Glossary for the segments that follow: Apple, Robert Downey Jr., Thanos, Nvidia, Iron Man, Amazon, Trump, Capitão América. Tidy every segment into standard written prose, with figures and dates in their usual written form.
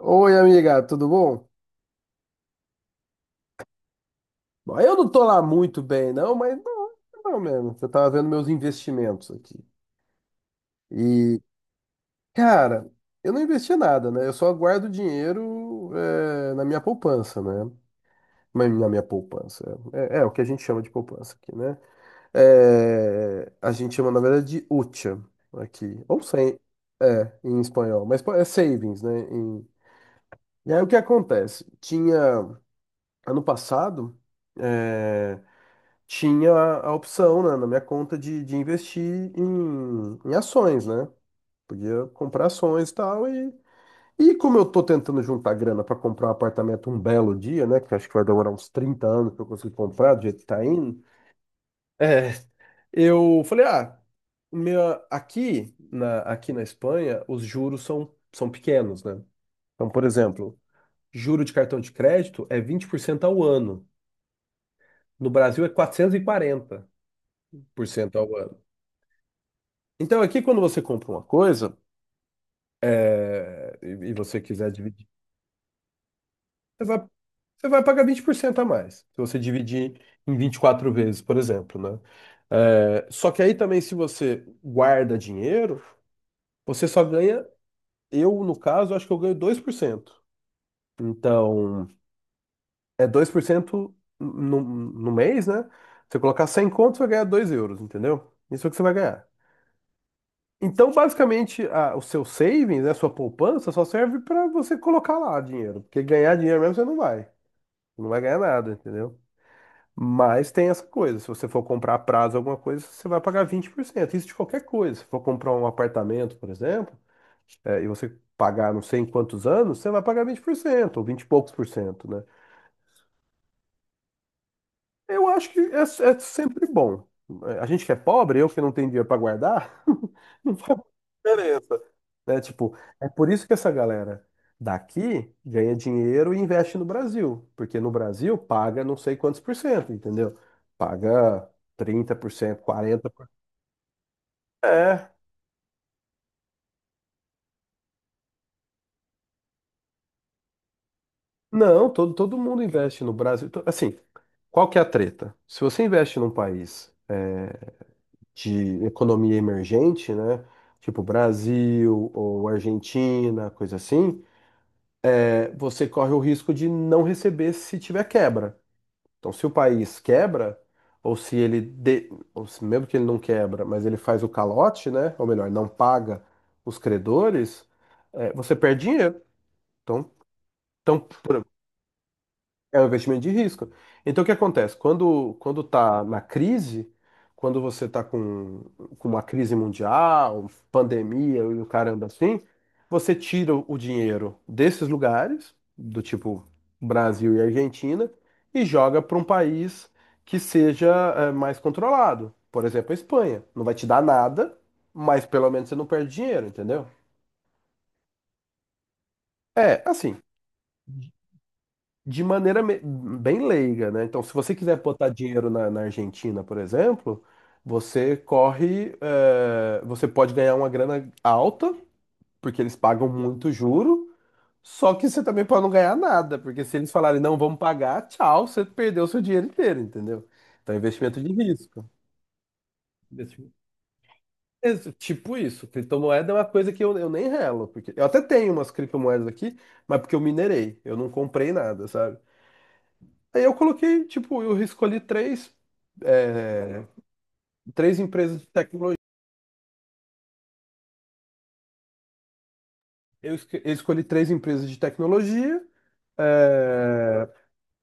Oi, amiga, tudo bom? Bom, eu não tô lá muito bem, não, mas não, não mesmo. Eu tava vendo meus investimentos aqui. E, cara, eu não investi nada, né? Eu só guardo dinheiro é, na minha poupança, né? Mas na minha poupança. É, é o que a gente chama de poupança aqui, né? É, a gente chama, na verdade, de hucha aqui. Ou sem, é, em espanhol. Mas é savings, né? E aí o que acontece? Tinha, ano passado, eh, tinha a, opção, né, na minha conta de, investir em ações, né? Podia comprar ações e tal. E como eu tô tentando juntar grana para comprar um apartamento um belo dia, né? Que eu acho que vai demorar uns 30 anos para eu conseguir comprar, do jeito que tá indo. É, eu falei, ah, aqui na Espanha, os juros são pequenos, né? Então, por exemplo, juro de cartão de crédito é 20% ao ano. No Brasil é 440% ao ano. Então, aqui, quando você compra uma coisa, é, e você quiser dividir, você vai, você vai pagar 20% a mais, se você dividir em 24 vezes, por exemplo, né? É, só que aí também, se você guarda dinheiro, você só ganha, eu, no caso, acho que eu ganho 2%. Então, é 2% no mês, né? Se você colocar 100 contos, você vai ganhar 2 euros, entendeu? Isso é o que você vai ganhar. Então, basicamente, o seu savings, né, a sua poupança, só serve para você colocar lá dinheiro. Porque ganhar dinheiro mesmo você não vai. Não vai ganhar nada, entendeu? Mas tem essa coisa. Se você for comprar a prazo alguma coisa, você vai pagar 20%. Isso de qualquer coisa. Se for comprar um apartamento, por exemplo, é, e você pagar não sei em quantos anos, você vai pagar 20% ou 20 e poucos por cento, né? Eu acho que é sempre bom. É, a gente que é pobre, eu que não tenho dinheiro para guardar, não faz diferença. Né? Tipo, é por isso que essa galera daqui ganha dinheiro e investe no Brasil. Porque no Brasil paga não sei quantos por cento, entendeu? Paga 30%, 40%. É. Não, todo mundo investe no Brasil. Assim, qual que é a treta? Se você investe num país, é, de economia emergente, né? Tipo Brasil ou Argentina, coisa assim, é, você corre o risco de não receber se tiver quebra. Então, se o país quebra, ou se ele, ou se, mesmo que ele não quebra, mas ele faz o calote, né? Ou melhor, não paga os credores, é, você perde dinheiro. Então, então, É um investimento de risco. Então, o que acontece? Quando está na crise, quando você está com uma crise mundial, pandemia e o caramba assim, você tira o dinheiro desses lugares, do tipo Brasil e Argentina, e joga para um país que seja mais controlado. Por exemplo, a Espanha. Não vai te dar nada, mas pelo menos você não perde dinheiro, entendeu? É, assim, de maneira bem leiga, né? Então, se você quiser botar dinheiro na Argentina, por exemplo, você pode ganhar uma grana alta, porque eles pagam muito juro, só que você também pode não ganhar nada, porque se eles falarem não, vamos pagar, tchau, você perdeu seu dinheiro inteiro, entendeu? Então, é investimento de risco. Investi- Tipo isso, criptomoeda é uma coisa que eu nem relo, porque eu até tenho umas criptomoedas aqui, mas porque eu minerei, eu não comprei nada, sabe? Aí eu coloquei, tipo, eu escolhi é, três empresas de tecnologia. Eu escolhi três empresas de tecnologia, é,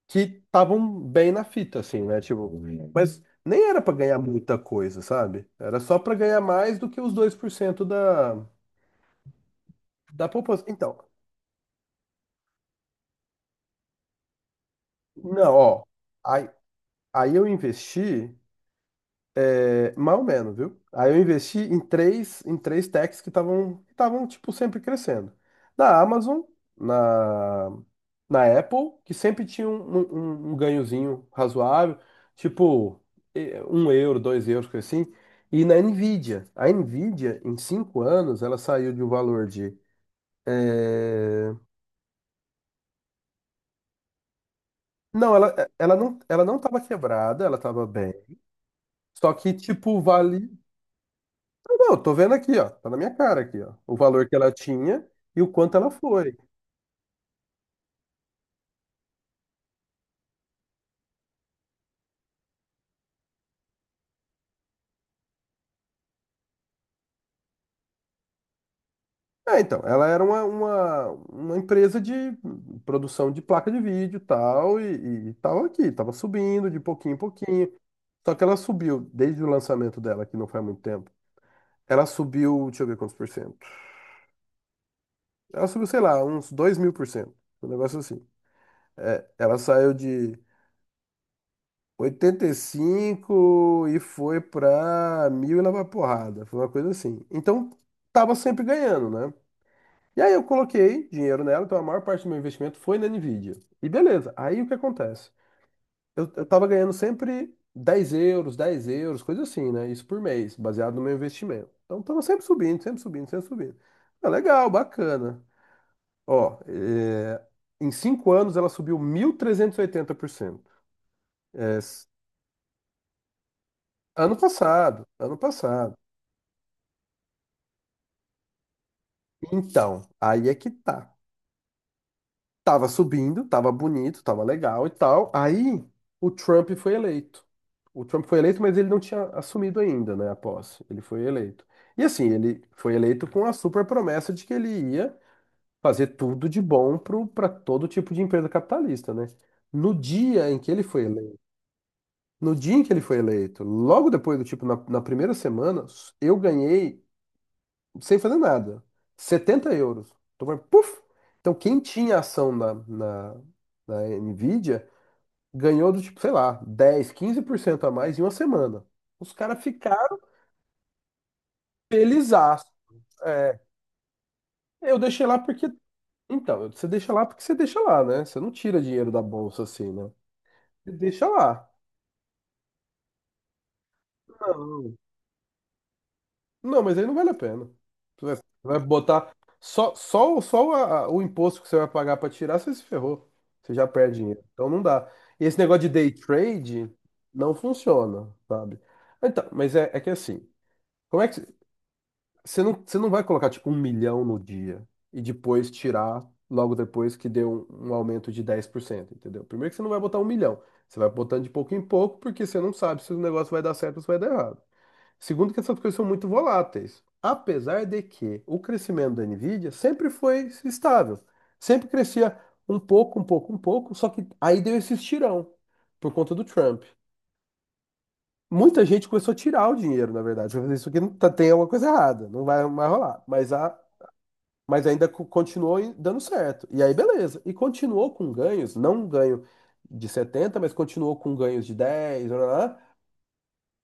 que estavam bem na fita, assim, né? Tipo, mas nem era para ganhar muita coisa, sabe? Era só para ganhar mais do que os 2% da poupança. Então, não, ó. Aí, aí eu investi. Mais ou menos, viu? Aí eu investi em três, techs que estavam tipo sempre crescendo. Na Amazon, na, na Apple, que sempre tinha um ganhozinho razoável, tipo 1 euro, 2 euros, coisa assim. E na Nvidia. A Nvidia, em 5 anos, ela saiu de um valor de. Eh, não, ela, ela não, ela não estava quebrada, ela estava bem. Só que, tipo, vale. Não, eu tô vendo aqui, ó. Tá na minha cara aqui, ó. O valor que ela tinha e o quanto ela foi. É, então, ela era uma empresa de produção de placa de vídeo tal, e tava aqui, tava subindo de pouquinho em pouquinho. Só que ela subiu, desde o lançamento dela, que não faz muito tempo, ela subiu, deixa eu ver quantos por cento. Ela subiu, sei lá, uns 2.000%. Um negócio assim. É, ela saiu de 85 e foi pra mil e lá vai porrada. Foi uma coisa assim. Então, tava sempre ganhando, né? E aí eu coloquei dinheiro nela, então a maior parte do meu investimento foi na Nvidia. E beleza, aí o que acontece? Eu tava ganhando sempre 10 euros, 10 euros, coisa assim, né? Isso por mês, baseado no meu investimento. Então tava sempre subindo, sempre subindo, sempre subindo. Ah, legal, bacana. Ó, é, em 5 anos ela subiu 1.380%. É, ano passado, ano passado. Então, aí é que tá. Tava subindo, tava bonito, tava legal e tal. Aí o Trump foi eleito. O Trump foi eleito, mas ele não tinha assumido ainda, né, a posse. Ele foi eleito. E assim, ele foi eleito com a super promessa de que ele ia fazer tudo de bom para todo tipo de empresa capitalista, né? No dia em que ele foi eleito, no dia em que ele foi eleito, logo depois do tipo, na primeira semana, eu ganhei sem fazer nada, 70 euros. Então, vai, puf! Então, quem tinha ação na Nvidia ganhou do tipo, sei lá, 10, 15% a mais em uma semana. Os caras ficaram felizaços. É, eu deixei lá porque. Então, você deixa lá porque você deixa lá, né? Você não tira dinheiro da bolsa assim, né? Você deixa lá. Não, mas aí não vale a pena. Você vai botar só o imposto que você vai pagar para tirar, você se ferrou. Você já perde dinheiro. Então não dá. E esse negócio de day trade não funciona, sabe? Então, mas é que assim, como é que você não vai colocar tipo um milhão no dia e depois tirar logo depois que deu um aumento de 10%, entendeu? Primeiro que você não vai botar um milhão. Você vai botando de pouco em pouco porque você não sabe se o negócio vai dar certo ou se vai dar errado. Segundo, que essas coisas são muito voláteis. Apesar de que o crescimento da Nvidia sempre foi estável. Sempre crescia um pouco, um pouco, um pouco, só que aí deu esse estirão por conta do Trump. Muita gente começou a tirar o dinheiro, na verdade. Falou, isso aqui não tem alguma coisa errada, não vai mais rolar. Mas ainda continuou dando certo. E aí, beleza. E continuou com ganhos, não um ganho de 70, mas continuou com ganhos de 10, blá, blá, blá.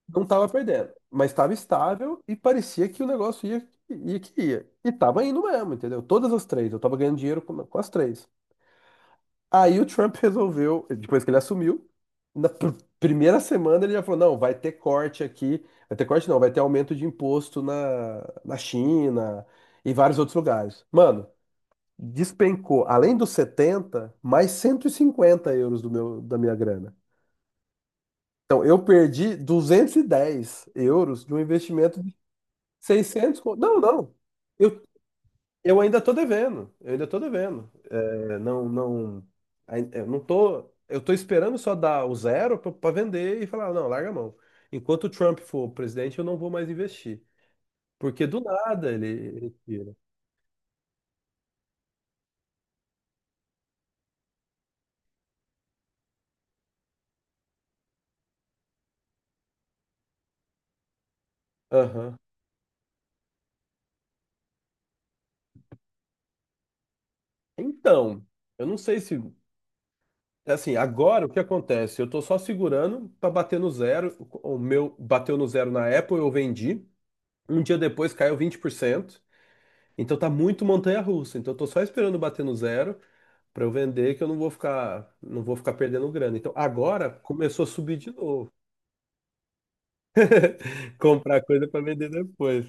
Não estava perdendo, mas estava estável e parecia que o negócio ia, ia que ia. E tava indo mesmo, entendeu? Todas as três, eu tava ganhando dinheiro com, as três. Aí o Trump resolveu, depois que ele assumiu, na primeira semana ele já falou: não, vai ter corte aqui, vai ter corte não, vai ter aumento de imposto na China e vários outros lugares. Mano, despencou, além dos 70 mais 150 euros do meu, da minha grana. Então, eu perdi 210 euros de um investimento. Não, não. Eu, eu ainda tô devendo. Eu ainda tô devendo. É, não, não. Eu não tô. Eu tô esperando só dar o zero pra vender e falar, não, larga a mão. Enquanto o Trump for presidente, eu não vou mais investir. Porque do nada ele tira. Aham. Então, eu não sei se. Assim, agora o que acontece? Eu tô só segurando pra bater no zero. O meu bateu no zero na Apple, eu vendi. Um dia depois caiu 20%. Então tá muito montanha-russa. Então eu tô só esperando bater no zero para eu vender, que eu não vou ficar, perdendo grana. Então agora começou a subir de novo. Comprar coisa para vender depois.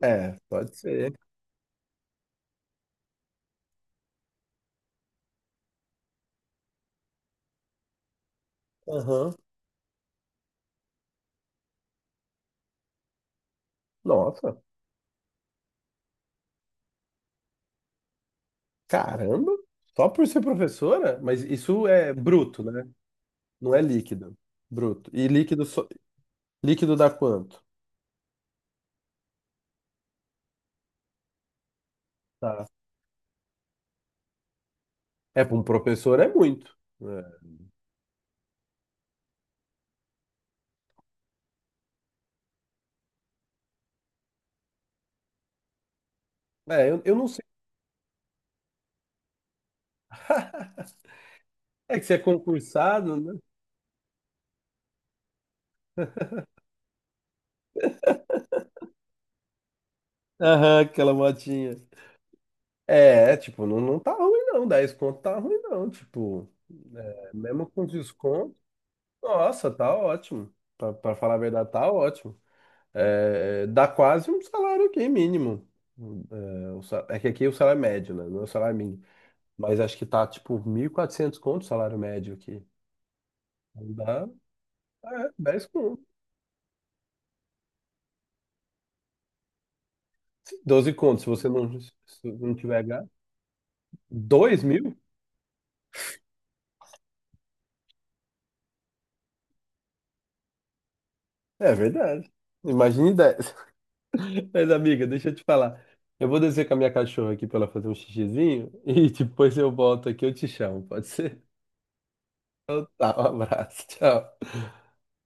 É, pode ser. Aham. Nossa, caramba. Só por ser professora? Mas isso é bruto, né? Não é líquido. Bruto. E líquido, líquido dá quanto? Tá. É, para um professor é muito. Eu não sei. É que você é concursado, né? Aham, aquela motinha. É, tipo, não, não tá ruim não, 10 conto tá ruim não, tipo, é, mesmo com desconto, nossa, tá ótimo, pra falar a verdade, tá ótimo, dá quase um salário aqui mínimo, é, o é que aqui o salário é médio, né, não é o salário mínimo, mas acho que tá, tipo, 1.400 conto o salário médio aqui. Então dá, é, 10 conto, 12 conto, se não tiver gasto, 2.000, é verdade, imagine dez. Mas, amiga, deixa eu te falar. Eu vou descer com a minha cachorra aqui pra ela fazer um xixizinho e depois eu volto aqui, eu te chamo, pode ser? Então tá, um abraço, tchau.